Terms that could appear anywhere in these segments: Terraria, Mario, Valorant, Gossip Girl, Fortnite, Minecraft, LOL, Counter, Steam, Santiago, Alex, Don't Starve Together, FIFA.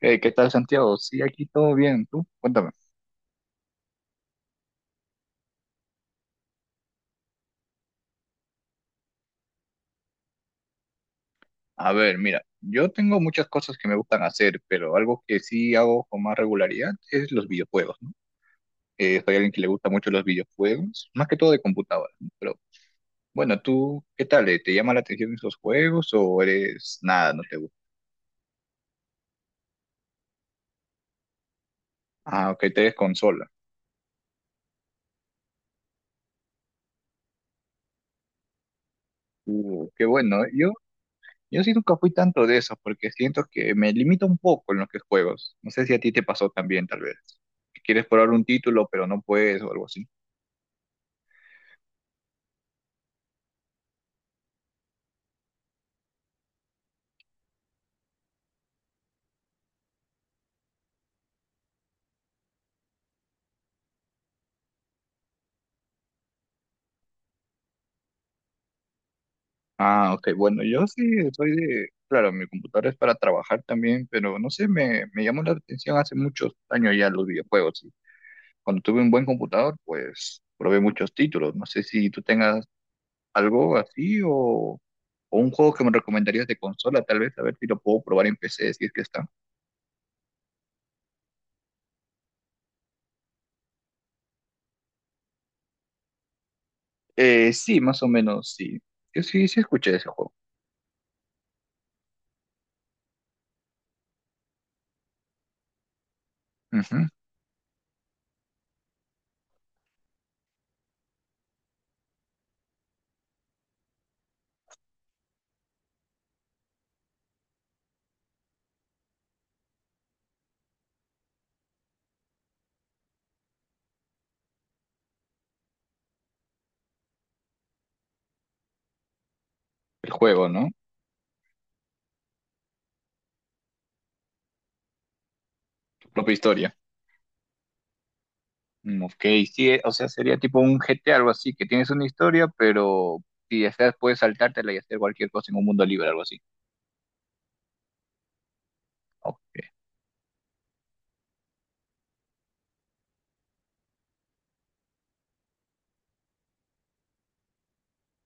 ¿Qué tal, Santiago? Sí, aquí todo bien. ¿Tú? Cuéntame. A ver, mira, yo tengo muchas cosas que me gustan hacer, pero algo que sí hago con más regularidad es los videojuegos, ¿no? Soy alguien que le gusta mucho los videojuegos, más que todo de computadora, ¿no? Pero bueno, ¿tú qué tal? ¿Te llama la atención esos juegos o eres nada, no te gusta? Ah, ok, te eres consola. Qué bueno, ¿eh? Yo sí nunca fui tanto de eso, porque siento que me limita un poco en los que juegos. No sé si a ti te pasó también, tal vez. Que Quieres probar un título, pero no puedes o algo así. Ah, ok. Bueno, yo sí soy de, claro, mi computadora es para trabajar también, pero no sé, me llamó la atención hace muchos años ya los videojuegos. Y cuando tuve un buen computador, pues probé muchos títulos. No sé si tú tengas algo así o un juego que me recomendarías de consola, tal vez, a ver si lo puedo probar en PC, si es que está. Sí, más o menos, sí. Yo sí, sí escuché ese juego. Ujú. El juego, ¿no? Tu propia historia. Mm, ok, sí, o sea, sería tipo un GTA, algo así, que tienes una historia, pero si deseas puedes saltártela y hacer cualquier cosa en un mundo libre, algo así. Ok,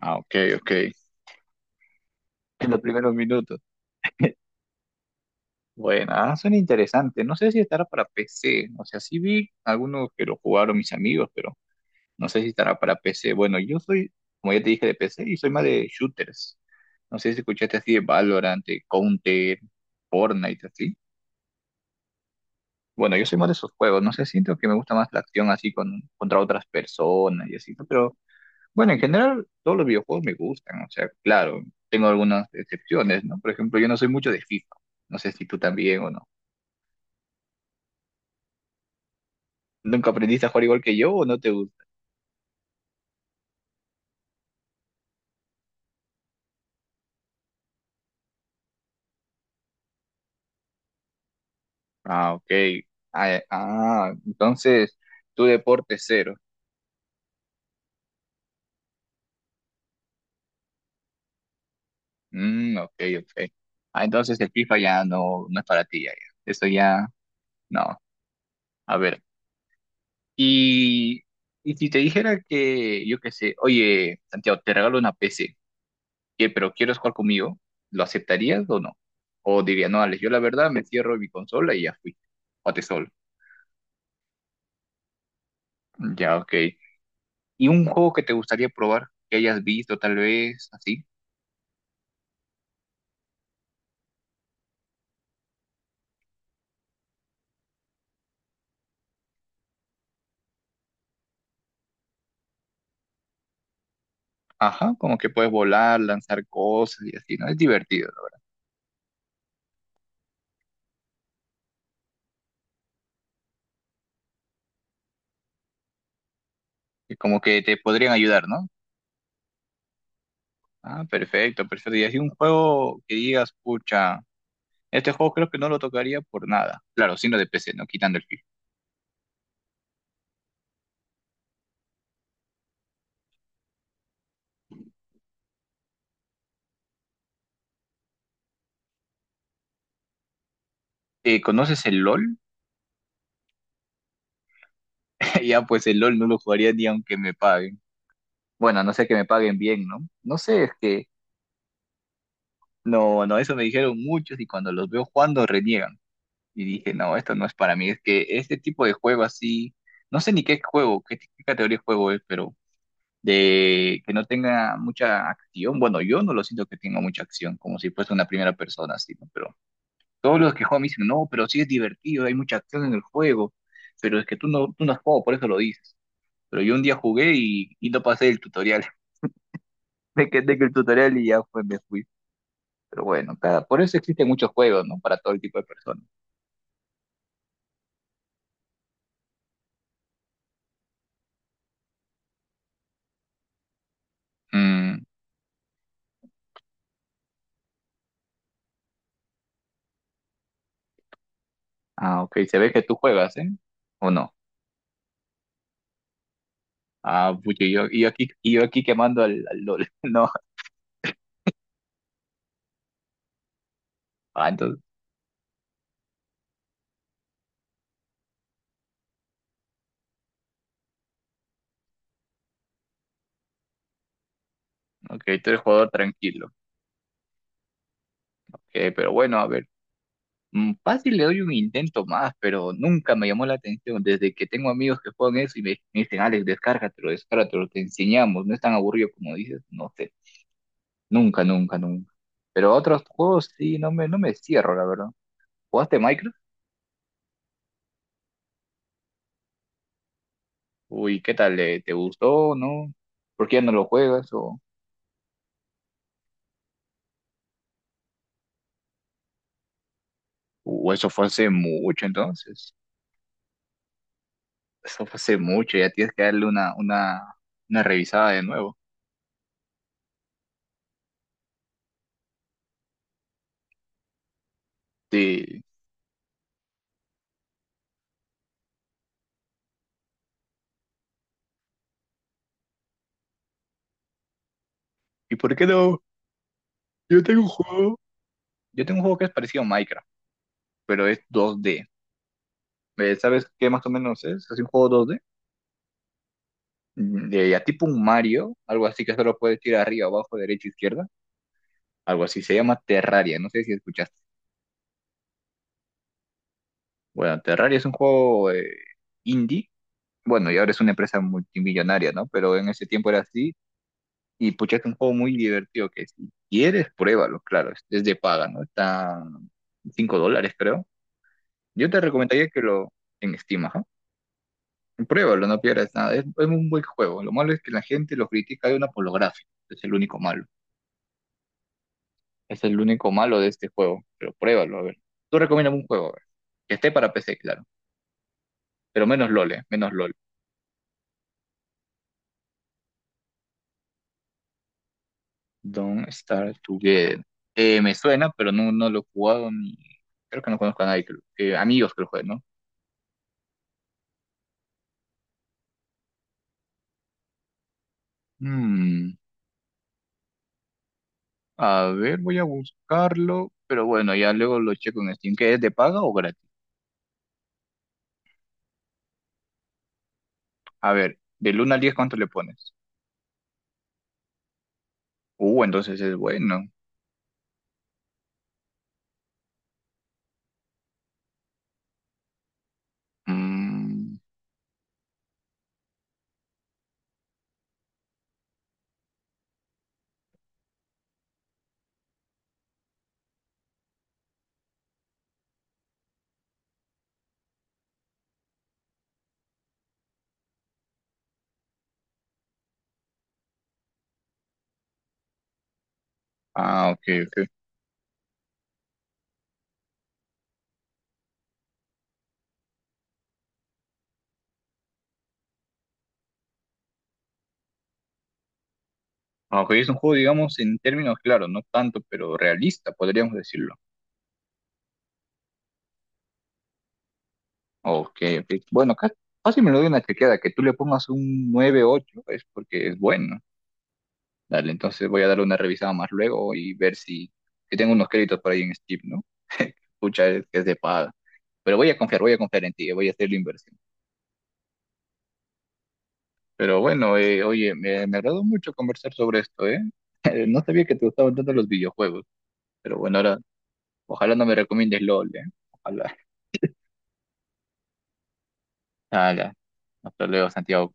ah, ok, ok. En los primeros minutos. Bueno, ah, suena interesante. No sé si estará para PC. O sea, sí vi algunos que lo jugaron mis amigos, pero no sé si estará para PC. Bueno, yo soy, como ya te dije, de PC y soy más de shooters. No sé si escuchaste así de Valorant, de Counter, Fortnite, así. Bueno, yo soy más de esos juegos, no sé, siento que me gusta más la acción así con, contra otras personas y así, ¿no? Pero bueno, en general todos los videojuegos me gustan, o sea, claro, tengo algunas excepciones, ¿no? Por ejemplo, yo no soy mucho de FIFA, no sé si tú también o no. ¿Nunca aprendiste a jugar igual que yo o no te gusta? Ah, ok. Entonces tu deporte es cero. Mm, ok, ok. Ah, entonces el FIFA ya no, no es para ti, ya, ya. Eso ya, no. A ver. Y, y si te dijera que, yo qué sé, oye, Santiago, te regalo una PC, ¿qué, pero quieres jugar conmigo? ¿Lo aceptarías o no? O diría, no, Alex, yo la verdad me cierro en mi consola y ya fui. Jugate solo. Ya, ok. ¿Y un juego que te gustaría probar, que hayas visto tal vez, así? Ajá, como que puedes volar, lanzar cosas y así, ¿no? Es divertido, ¿no? Y como que te podrían ayudar, ¿no? Ah, perfecto, perfecto. Y así un juego que digas, pucha. Este juego creo que no lo tocaría por nada. Claro, sino de PC, ¿no? Quitando el FIFA. ¿Conoces el LOL? Ya, pues el LOL no lo jugaría ni aunque me paguen. Bueno, a no sé que me paguen bien, ¿no? No sé, es que no, no, eso me dijeron muchos y cuando los veo jugando reniegan. Y dije, no, esto no es para mí. Es que este tipo de juego así, no sé ni qué juego, qué categoría de juego es, pero de que no tenga mucha acción. Bueno, yo no lo siento que tenga mucha acción, como si fuese una primera persona, así, ¿no? Pero todos los que juegan me dicen, no, pero sí es divertido, hay mucha acción en el juego, pero es que tú no has jugado, por eso lo dices. Pero yo un día jugué y no pasé el tutorial. Me quedé con el tutorial y ya fue, me fui. Pero bueno, cada, por eso existen muchos juegos, ¿no? Para todo el tipo de personas. Mm, ah, ok, se ve que tú juegas, ¿eh? ¿O no? Ah, pucha, y yo aquí quemando al LOL. No, ah, entonces, ok, tú eres jugador tranquilo. Ok, pero bueno, a ver. Mm, fácil le doy un intento más, pero nunca me llamó la atención. Desde que tengo amigos que juegan eso y me dicen, Alex, descárgatelo, descárgatelo, te enseñamos, no es tan aburrido como dices, no sé, nunca, nunca, nunca. Pero otros juegos sí, no me cierro, la verdad. ¿Jugaste Minecraft? Uy, ¿qué tal, eh? ¿Te gustó o no? ¿Por qué ya no lo juegas? O eso fue hace mucho entonces? Eso fue hace mucho, ya tienes que darle una revisada de nuevo. Sí. ¿Y por qué no? Yo tengo un juego. Yo tengo un juego que es parecido a Minecraft pero es 2D. ¿Sabes qué más o menos es? Es un juego 2D, de ya tipo un Mario, algo así que solo puedes ir arriba, abajo, derecha, izquierda, algo así. Se llama Terraria, no sé si escuchaste. Bueno, Terraria es un juego indie, bueno, y ahora es una empresa multimillonaria, ¿no? Pero en ese tiempo era así, y pucha, es un juego muy divertido que si quieres, pruébalo, claro, es de paga, ¿no? Está $5, creo. Yo te recomendaría que lo en Steam, ajá. Pruébalo, no pierdas nada. Es un buen juego. Lo malo es que la gente lo critica de una por lo gráfico. Es el único malo. Es el único malo de este juego. Pero pruébalo, a ver. Tú recomiendas un juego, a ver. Que esté para PC, claro. Pero menos LOL, menos LOL. Don't Starve Together. Me suena, pero no, no lo he jugado ni… Creo que no conozco a nadie, amigos que lo jueguen, ¿no? Mm, a ver, voy a buscarlo. Pero bueno, ya luego lo checo en Steam. ¿Qué es de paga o gratis? A ver, del 1 al 10, ¿cuánto le pones? Entonces es bueno. Mm, ah, ok, ok. Ok, es un juego, digamos, en términos claros, no tanto, pero realista, podríamos decirlo. Ok, ok. Bueno, casi me lo doy una chequeada, que tú le pongas un 9-8 es porque es bueno. Dale, entonces voy a dar una revisada más luego y ver si, si tengo unos créditos por ahí en Steam, ¿no? Pucha, es que es de paga. Pero voy a confiar en ti, voy a hacer la inversión. Pero bueno, oye, me agradó mucho conversar sobre esto, ¿eh? No sabía que te gustaban tanto los videojuegos, pero bueno, ahora ojalá no me recomiendes LOL, ¿eh? Ojalá. Ala. Hasta luego, Santiago.